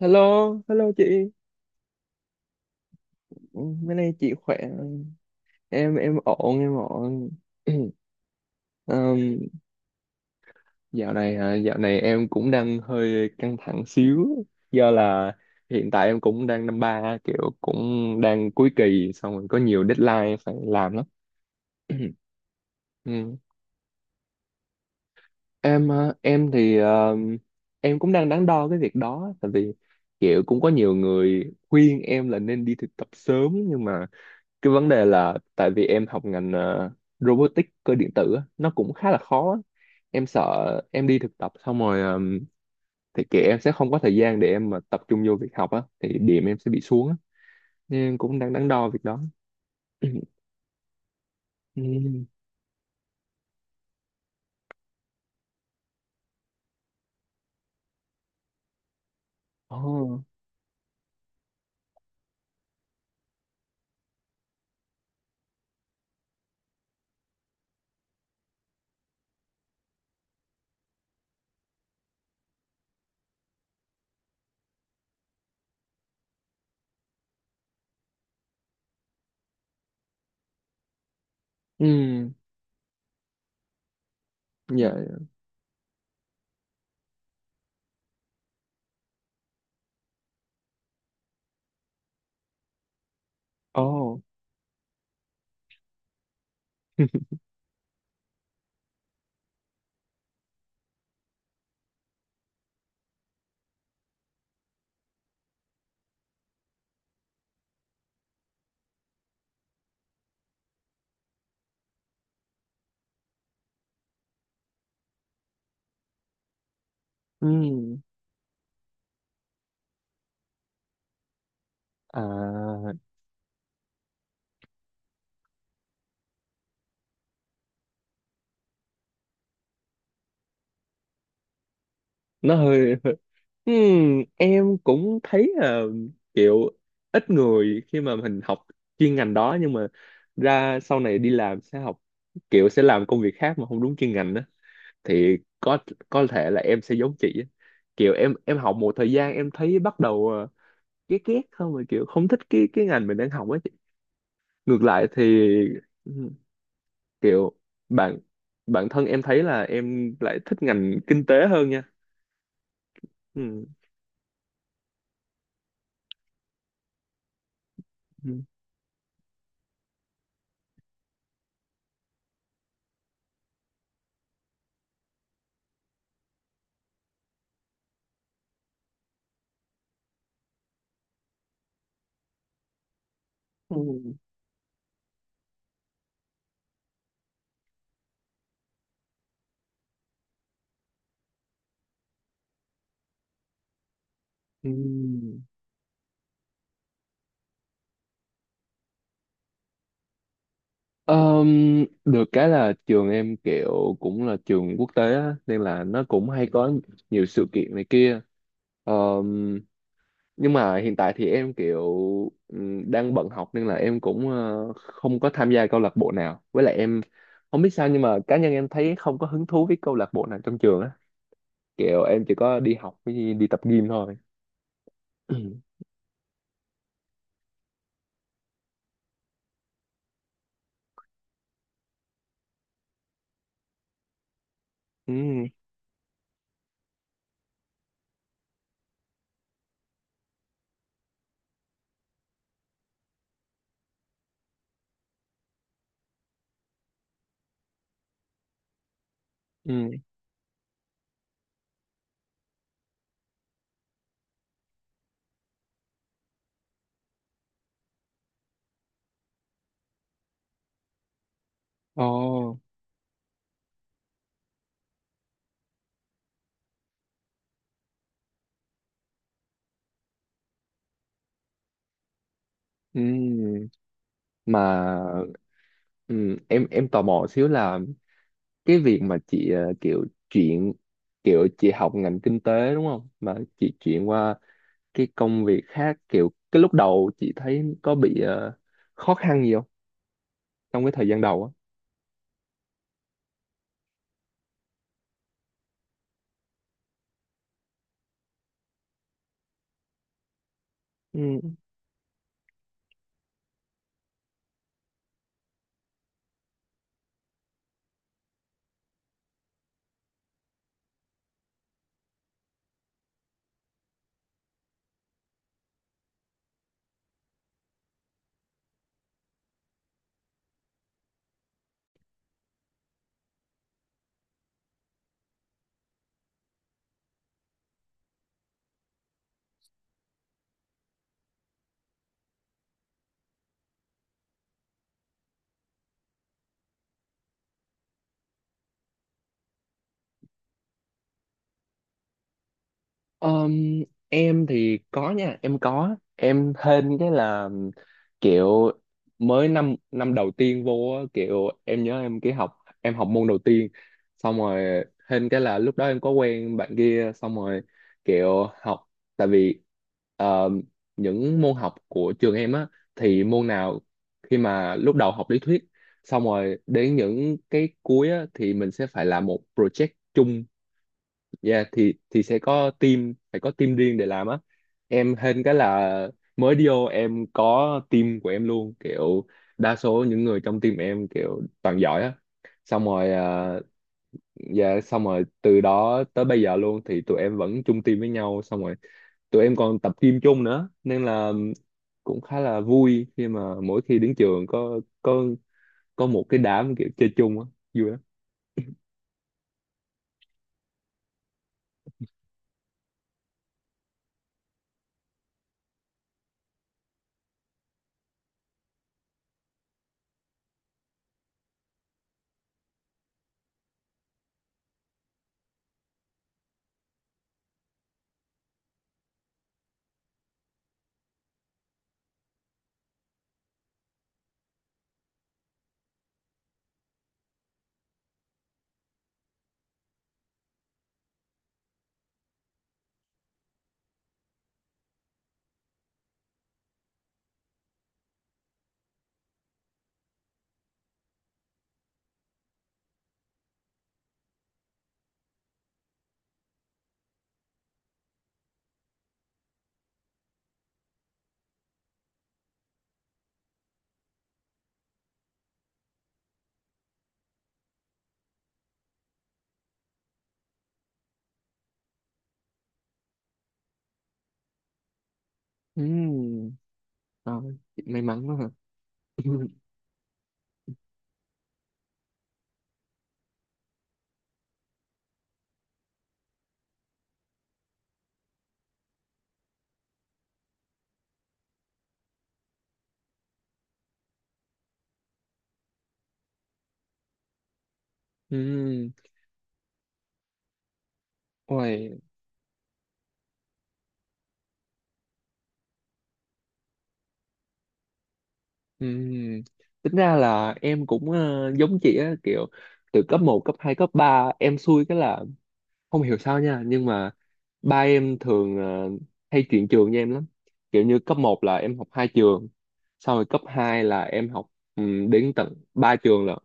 Hello, hello chị. Ừ, bữa nay chị khỏe. Em ổn, em ổn. Ừm, dạo này hả? Dạo này em cũng đang hơi căng thẳng xíu do là hiện tại em cũng đang năm ba, kiểu cũng đang cuối kỳ, xong rồi có nhiều deadline phải làm lắm. Ừm. Em ờ, em thì ờ, em cũng đang đắn đo cái việc đó, tại vì kiểu cũng có nhiều người khuyên em là nên đi thực tập sớm, nhưng mà cái vấn đề là tại vì em học ngành robotics cơ điện tử á, nó cũng khá là khó á. Em sợ em đi thực tập xong rồi thì kệ, em sẽ không có thời gian để em mà tập trung vô việc học á, thì điểm em sẽ bị xuống á, nên em cũng đang đắn đo việc đó. Ừ. Oh. Ừ. Dạ. Oh. Ừ. À, nó hơi em cũng thấy là kiểu ít người khi mà mình học chuyên ngành đó nhưng mà ra sau này đi làm sẽ học, kiểu sẽ làm công việc khác mà không đúng chuyên ngành đó, thì có thể là em sẽ giống chị á. Kiểu em học một thời gian em thấy bắt đầu ghét ghét không, mà kiểu không thích cái ngành mình đang học ấy chị. Ngược lại thì ừm, kiểu bạn bản thân em thấy là em lại thích ngành kinh tế hơn nha. Ừm. Ừm. Ừm. Được cái là trường em kiểu cũng là trường quốc tế á, nên là nó cũng hay có nhiều sự kiện này kia. Ờm, nhưng mà hiện tại thì em kiểu đang bận học, nên là em cũng không có tham gia câu lạc bộ nào. Với lại em không biết sao nhưng mà cá nhân em thấy không có hứng thú với câu lạc bộ nào trong trường á. Kiểu em chỉ có đi học với đi tập gym thôi. Ừ, ừ, ồ, ừ. Mà ừ, em tò mò xíu là cái việc mà chị kiểu chị học ngành kinh tế đúng không, mà chị chuyển qua cái công việc khác, kiểu cái lúc đầu chị thấy có bị khó khăn gì không trong cái thời gian đầu á? Ừ. Ờm, em thì có nha, em có, em hên cái là kiểu mới năm năm đầu tiên vô á, kiểu em nhớ em cái học em học môn đầu tiên, xong rồi hên cái là lúc đó em có quen bạn kia, xong rồi kiểu học, tại vì ờm, những môn học của trường em á thì môn nào khi mà lúc đầu học lý thuyết, xong rồi đến những cái cuối á, thì mình sẽ phải làm một project chung. Dạ thì sẽ có team, phải có team riêng để làm á. Em hên cái là mới đi vô em có team của em luôn, kiểu đa số những người trong team em kiểu toàn giỏi á, xong rồi à, dạ xong rồi từ đó tới bây giờ luôn thì tụi em vẫn chung team với nhau, xong rồi tụi em còn tập gym chung nữa nên là cũng khá là vui khi mà mỗi khi đến trường có có một cái đám kiểu chơi chung á, vui lắm. Ừm, rồi, may mắn quá hả Ừm. Ôi, ừm, tính ra là em cũng giống chị á, kiểu từ cấp một cấp 2 cấp 3 em xui cái là không hiểu sao nha, nhưng mà ba em thường hay chuyển trường với em lắm, kiểu như cấp một là em học hai trường, sau rồi cấp 2 là em học đến tận ba trường lận,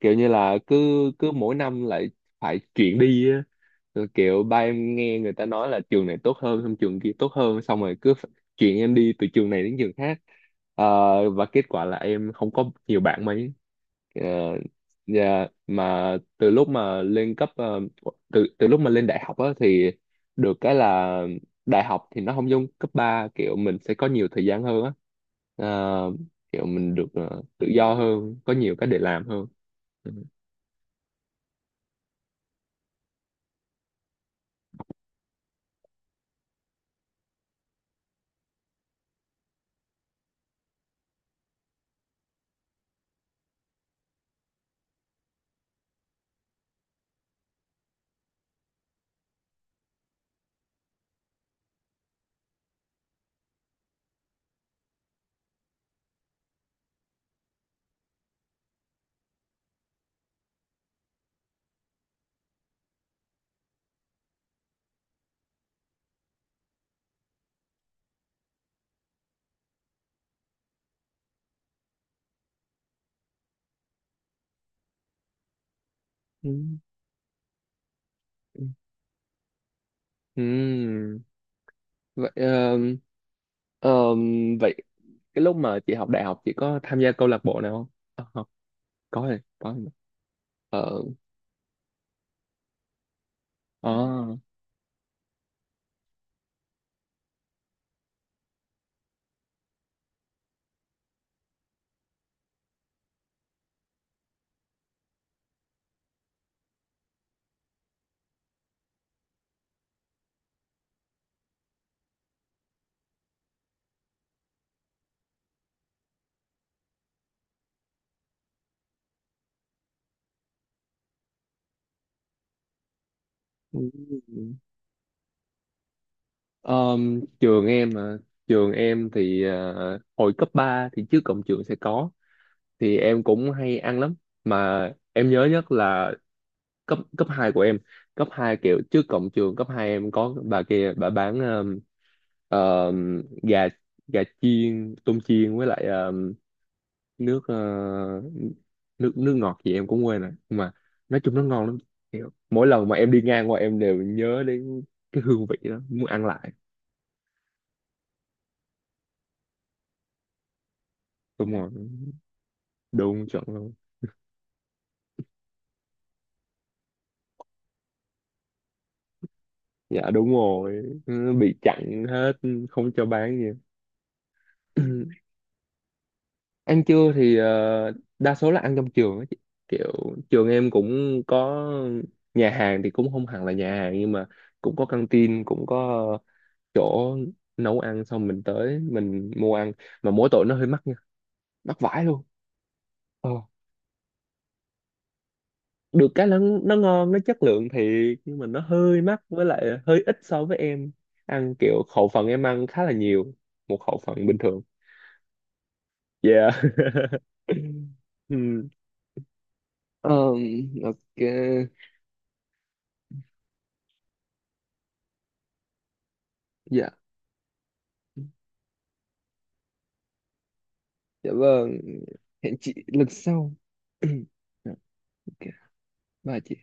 kiểu như là cứ cứ mỗi năm lại phải chuyển đi á, rồi kiểu ba em nghe người ta nói là trường này tốt hơn, xong trường kia tốt hơn, xong rồi cứ phải chuyển em đi từ trường này đến trường khác. Ờ, và kết quả là em không có nhiều bạn mấy. Ờ, dạ, mà từ lúc mà lên cấp ờ, từ từ lúc mà lên đại học á thì được cái là đại học thì nó không giống cấp ba, kiểu mình sẽ có nhiều thời gian hơn á. Ờ, kiểu mình được tự do hơn, có nhiều cái để làm hơn. Ừ. Ừ. Ừ. Vậy ờ, ờ, vậy cái lúc mà chị học đại học chị có tham gia câu lạc bộ nào không? Ờ, có rồi, có rồi. Ờ, à, ừ. Ờm, trường em mà trường em thì hồi cấp 3 thì trước cổng trường sẽ có, thì em cũng hay ăn lắm, mà em nhớ nhất là cấp cấp 2 của em. Cấp 2 kiểu trước cổng trường cấp 2 em có bà kia bà bán ờ, gà gà chiên, tôm chiên, với lại nước ờ, nước nước ngọt gì em cũng quên rồi, nhưng mà nói chung nó ngon lắm. Kiểu mỗi lần mà em đi ngang qua em đều nhớ đến cái hương vị đó, muốn ăn lại. Đúng rồi, đúng chuẩn luôn. Dạ đúng rồi. Ừ, bị chặn hết, không cho bán gì. Ăn trưa thì đa số là ăn trong trường á chị. Kiểu trường em cũng có nhà hàng, thì cũng không hẳn là nhà hàng, nhưng mà cũng có căng tin, cũng có chỗ nấu ăn xong mình tới mình mua ăn, mà mỗi tội nó hơi mắc nha, mắc vãi luôn. Ờ. Được cái nó ngon, nó chất lượng thiệt, nhưng mà nó hơi mắc, với lại hơi ít so với em ăn, kiểu khẩu phần em ăn khá là nhiều, một khẩu phần bình thường. Yeah Ừm, ờm, ok, dạ, dạ vâng, hẹn chị lần sau. Dạ, ok, bye chị.